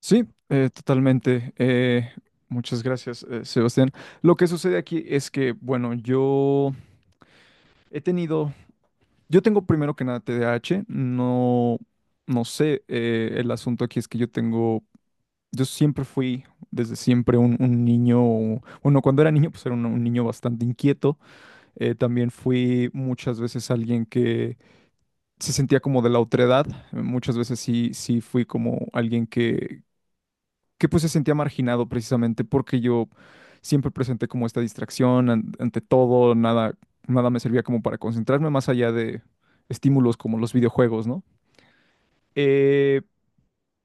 Sí, totalmente. Muchas gracias, Sebastián. Lo que sucede aquí es que, bueno, yo he tenido, yo tengo primero que nada TDAH, no, no sé, el asunto aquí es que yo tengo, yo siempre fui, desde siempre, un niño, bueno, cuando era niño, pues era un niño bastante inquieto. También fui muchas veces alguien que se sentía como de la otredad. Muchas veces sí, sí fui como alguien que pues se sentía marginado precisamente porque yo siempre presenté como esta distracción ante todo, nada, nada me servía como para concentrarme más allá de estímulos como los videojuegos, ¿no? Eh,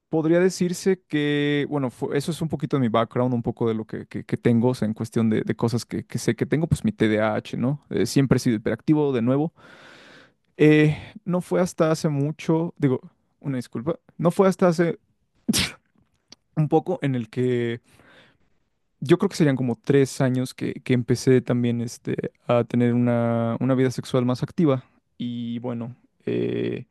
podría decirse que, bueno, eso es un poquito de mi background, un poco de lo que tengo, o sea, en cuestión de cosas que sé que tengo, pues mi TDAH, ¿no? Siempre he sido hiperactivo, de nuevo. Eh, no fue hasta hace mucho, digo, una disculpa, no fue hasta hace un poco en el que yo creo que serían como 3 años que empecé también este, a tener una vida sexual más activa. Y bueno, eh,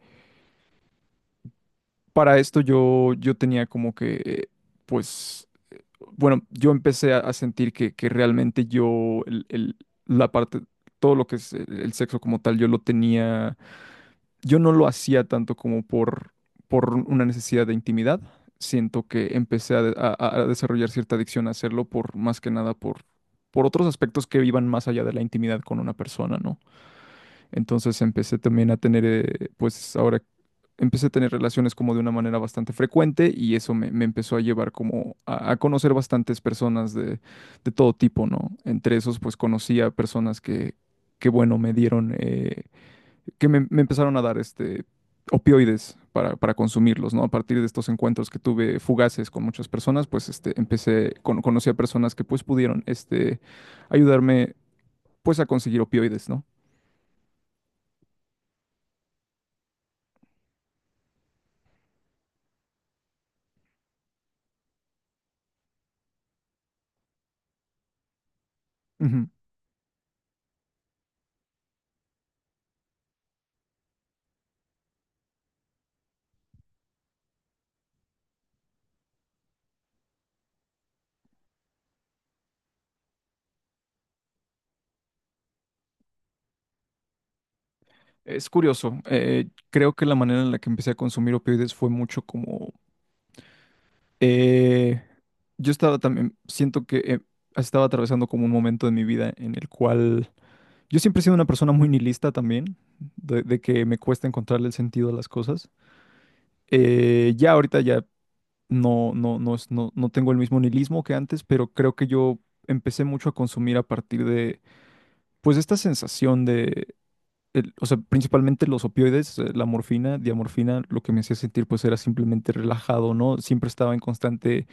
para esto yo, yo tenía como que, pues, bueno, yo empecé a sentir que realmente yo, la parte, todo lo que es el sexo como tal, yo no lo hacía tanto como por una necesidad de intimidad. Siento que empecé a desarrollar cierta adicción a hacerlo por más que nada por otros aspectos que iban más allá de la intimidad con una persona, ¿no? Entonces empecé también a tener, pues ahora empecé a tener relaciones como de una manera bastante frecuente y eso me empezó a llevar como a conocer bastantes personas de todo tipo, ¿no? Entre esos, pues conocí a personas que bueno, me dieron, que me empezaron a dar este, opioides para consumirlos, ¿no? A partir de estos encuentros que tuve fugaces con muchas personas, pues este, conocí a personas que pues pudieron este, ayudarme pues a conseguir opioides, ¿no? Ujú. Es curioso, creo que la manera en la que empecé a consumir opioides fue mucho como, Eh, yo estaba también, siento que estaba atravesando como un momento de mi vida en el cual yo siempre he sido una persona muy nihilista también, de que me cuesta encontrarle el sentido a las cosas. Ya ahorita ya no, no, no, no, no tengo el mismo nihilismo que antes, pero creo que yo empecé mucho a consumir a partir de, pues, esta sensación de, o sea, principalmente los opioides, la morfina, diamorfina, lo que me hacía sentir pues era simplemente relajado, ¿no? Siempre estaba en constante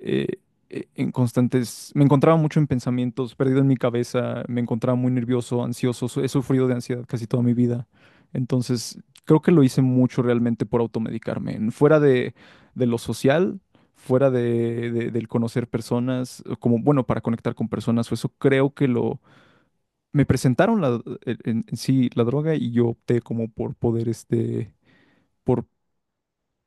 eh, en constantes, me encontraba mucho en pensamientos, perdido en mi cabeza, me encontraba muy nervioso, ansioso, he sufrido de ansiedad casi toda mi vida. Entonces, creo que lo hice mucho realmente por automedicarme, fuera de lo social, fuera del conocer personas, o como, bueno, para conectar con personas, o eso creo que lo, me presentaron la, en sí la droga y yo opté como por poder, este, por...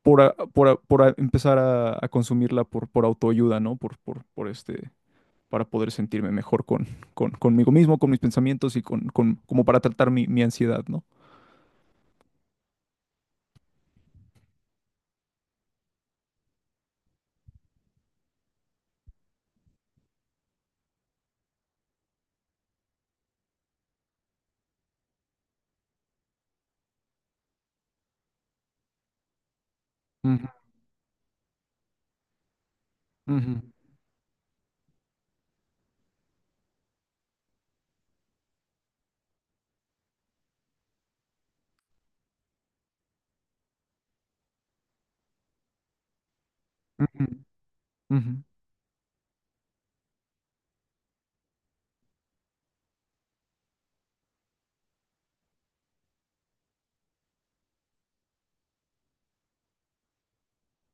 Empezar a consumirla por autoayuda, ¿no? Por este, para poder sentirme mejor con, conmigo mismo, con mis pensamientos y con, como para tratar mi ansiedad, ¿no? Ujú, ujú, ujú, ujú,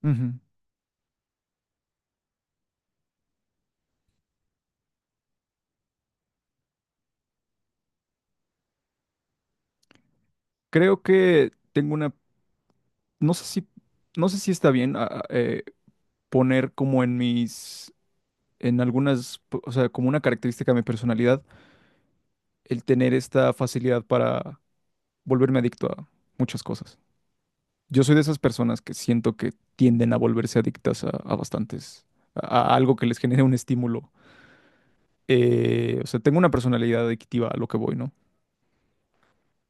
ujú. Creo que tengo una, no sé si, no sé si está bien poner como en algunas, o sea, como una característica de mi personalidad, el tener esta facilidad para volverme adicto a muchas cosas. Yo soy de esas personas que siento que tienden a volverse adictas a a algo que les genere un estímulo, o sea, tengo una personalidad adictiva a lo que voy, ¿no?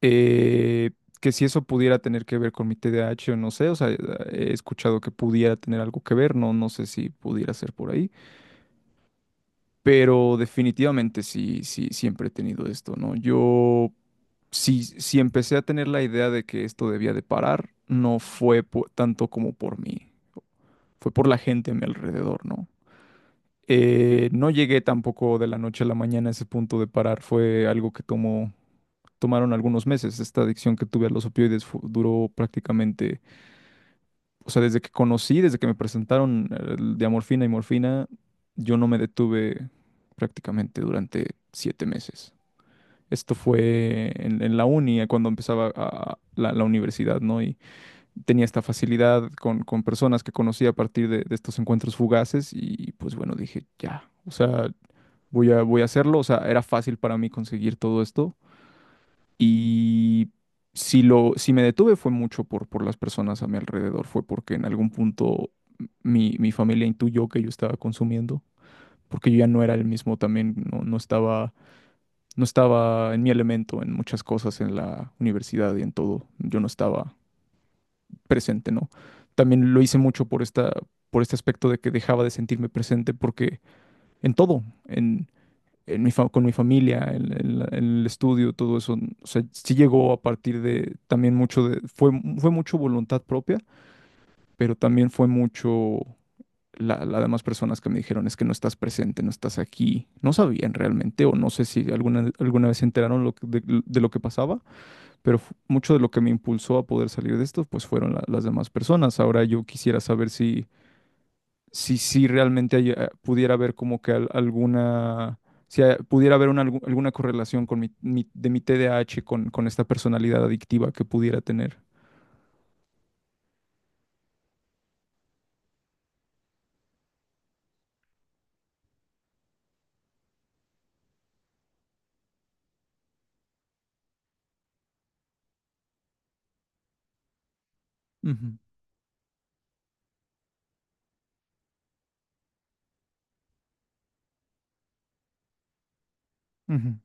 Eh, que si eso pudiera tener que ver con mi TDAH o no sé, o sea, he escuchado que pudiera tener algo que ver, no, no sé si pudiera ser por ahí, pero definitivamente sí, sí, siempre he tenido esto, ¿no? Yo, si, si empecé a tener la idea de que esto debía de parar, no fue tanto como por mí, fue por la gente a mi alrededor, ¿no? No llegué tampoco de la noche a la mañana a ese punto de parar, fue algo que tomó tomaron algunos meses. Esta adicción que tuve a los opioides duró prácticamente, o sea, desde que conocí, desde que me presentaron de amorfina y morfina, yo no me detuve prácticamente durante 7 meses. Esto fue en la uni, cuando empezaba la universidad, ¿no? Y tenía esta facilidad con personas que conocí a partir de estos encuentros fugaces y pues bueno, dije, ya, o sea, voy a hacerlo, o sea, era fácil para mí conseguir todo esto. Y si me detuve fue mucho por las personas a mi alrededor, fue porque en algún punto mi familia intuyó que yo estaba consumiendo, porque yo ya no era el mismo también, no, no estaba, no estaba en mi elemento en muchas cosas en la universidad y en todo, yo no estaba presente, ¿no? También lo hice mucho por esta, por este aspecto de que dejaba de sentirme presente porque en todo, en mi con mi familia, el estudio, todo eso. O sea, sí llegó a partir de también mucho de, fue mucho voluntad propia, pero también fue mucho las demás personas que me dijeron es que no estás presente, no estás aquí. No sabían realmente, o no sé si alguna, alguna vez se enteraron lo de lo que pasaba, pero mucho de lo que me impulsó a poder salir de esto, pues fueron las demás personas. Ahora yo quisiera saber si realmente hay, pudiera haber como que alguna, si pudiera haber una, alguna correlación con de mi TDAH con esta personalidad adictiva que pudiera tener. Ujú, ujú,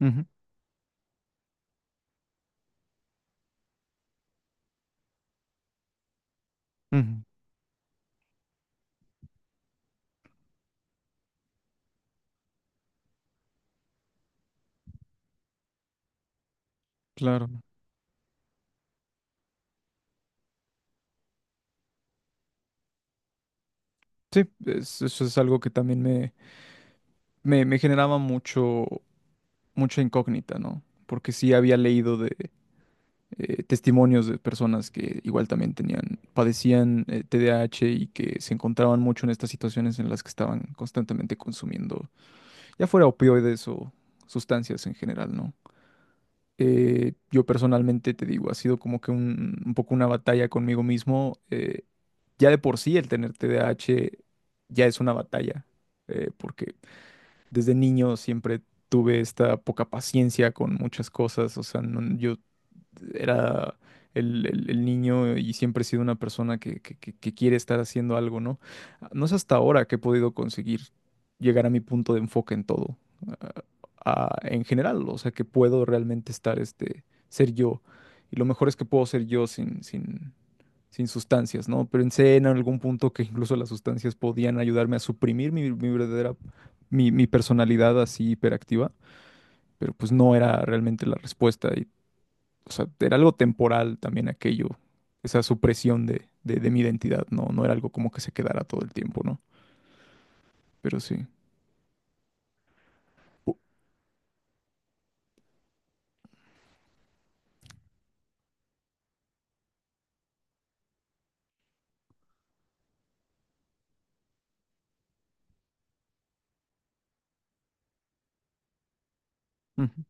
ujú, ujú. Claro. Sí, eso es algo que también me generaba mucho. Mucha incógnita, ¿no? Porque sí había leído de testimonios de personas que igual también tenían, padecían TDAH y que se encontraban mucho en estas situaciones en las que estaban constantemente consumiendo, ya fuera opioides o sustancias en general, ¿no? Yo personalmente te digo, ha sido como que un poco una batalla conmigo mismo. Ya de por sí el tener TDAH ya es una batalla, porque desde niño siempre tuve esta poca paciencia con muchas cosas, o sea, yo era el niño y siempre he sido una persona que quiere estar haciendo algo, ¿no? No es hasta ahora que he podido conseguir llegar a mi punto de enfoque en todo, ah, en general, o sea, que puedo realmente estar, este, ser yo. Y lo mejor es que puedo ser yo sin sustancias, ¿no? Pero en algún punto que incluso las sustancias podían ayudarme a suprimir mi, mi personalidad así hiperactiva, pero pues no era realmente la respuesta. Y, o sea, era algo temporal también aquello, esa supresión de mi identidad, no, no era algo como que se quedara todo el tiempo, ¿no? Pero sí. U- Ujú,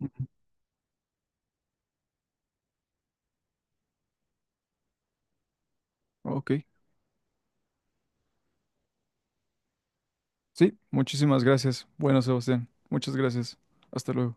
ujú. Ok. Sí, muchísimas gracias. Bueno, Sebastián, muchas gracias. Hasta luego.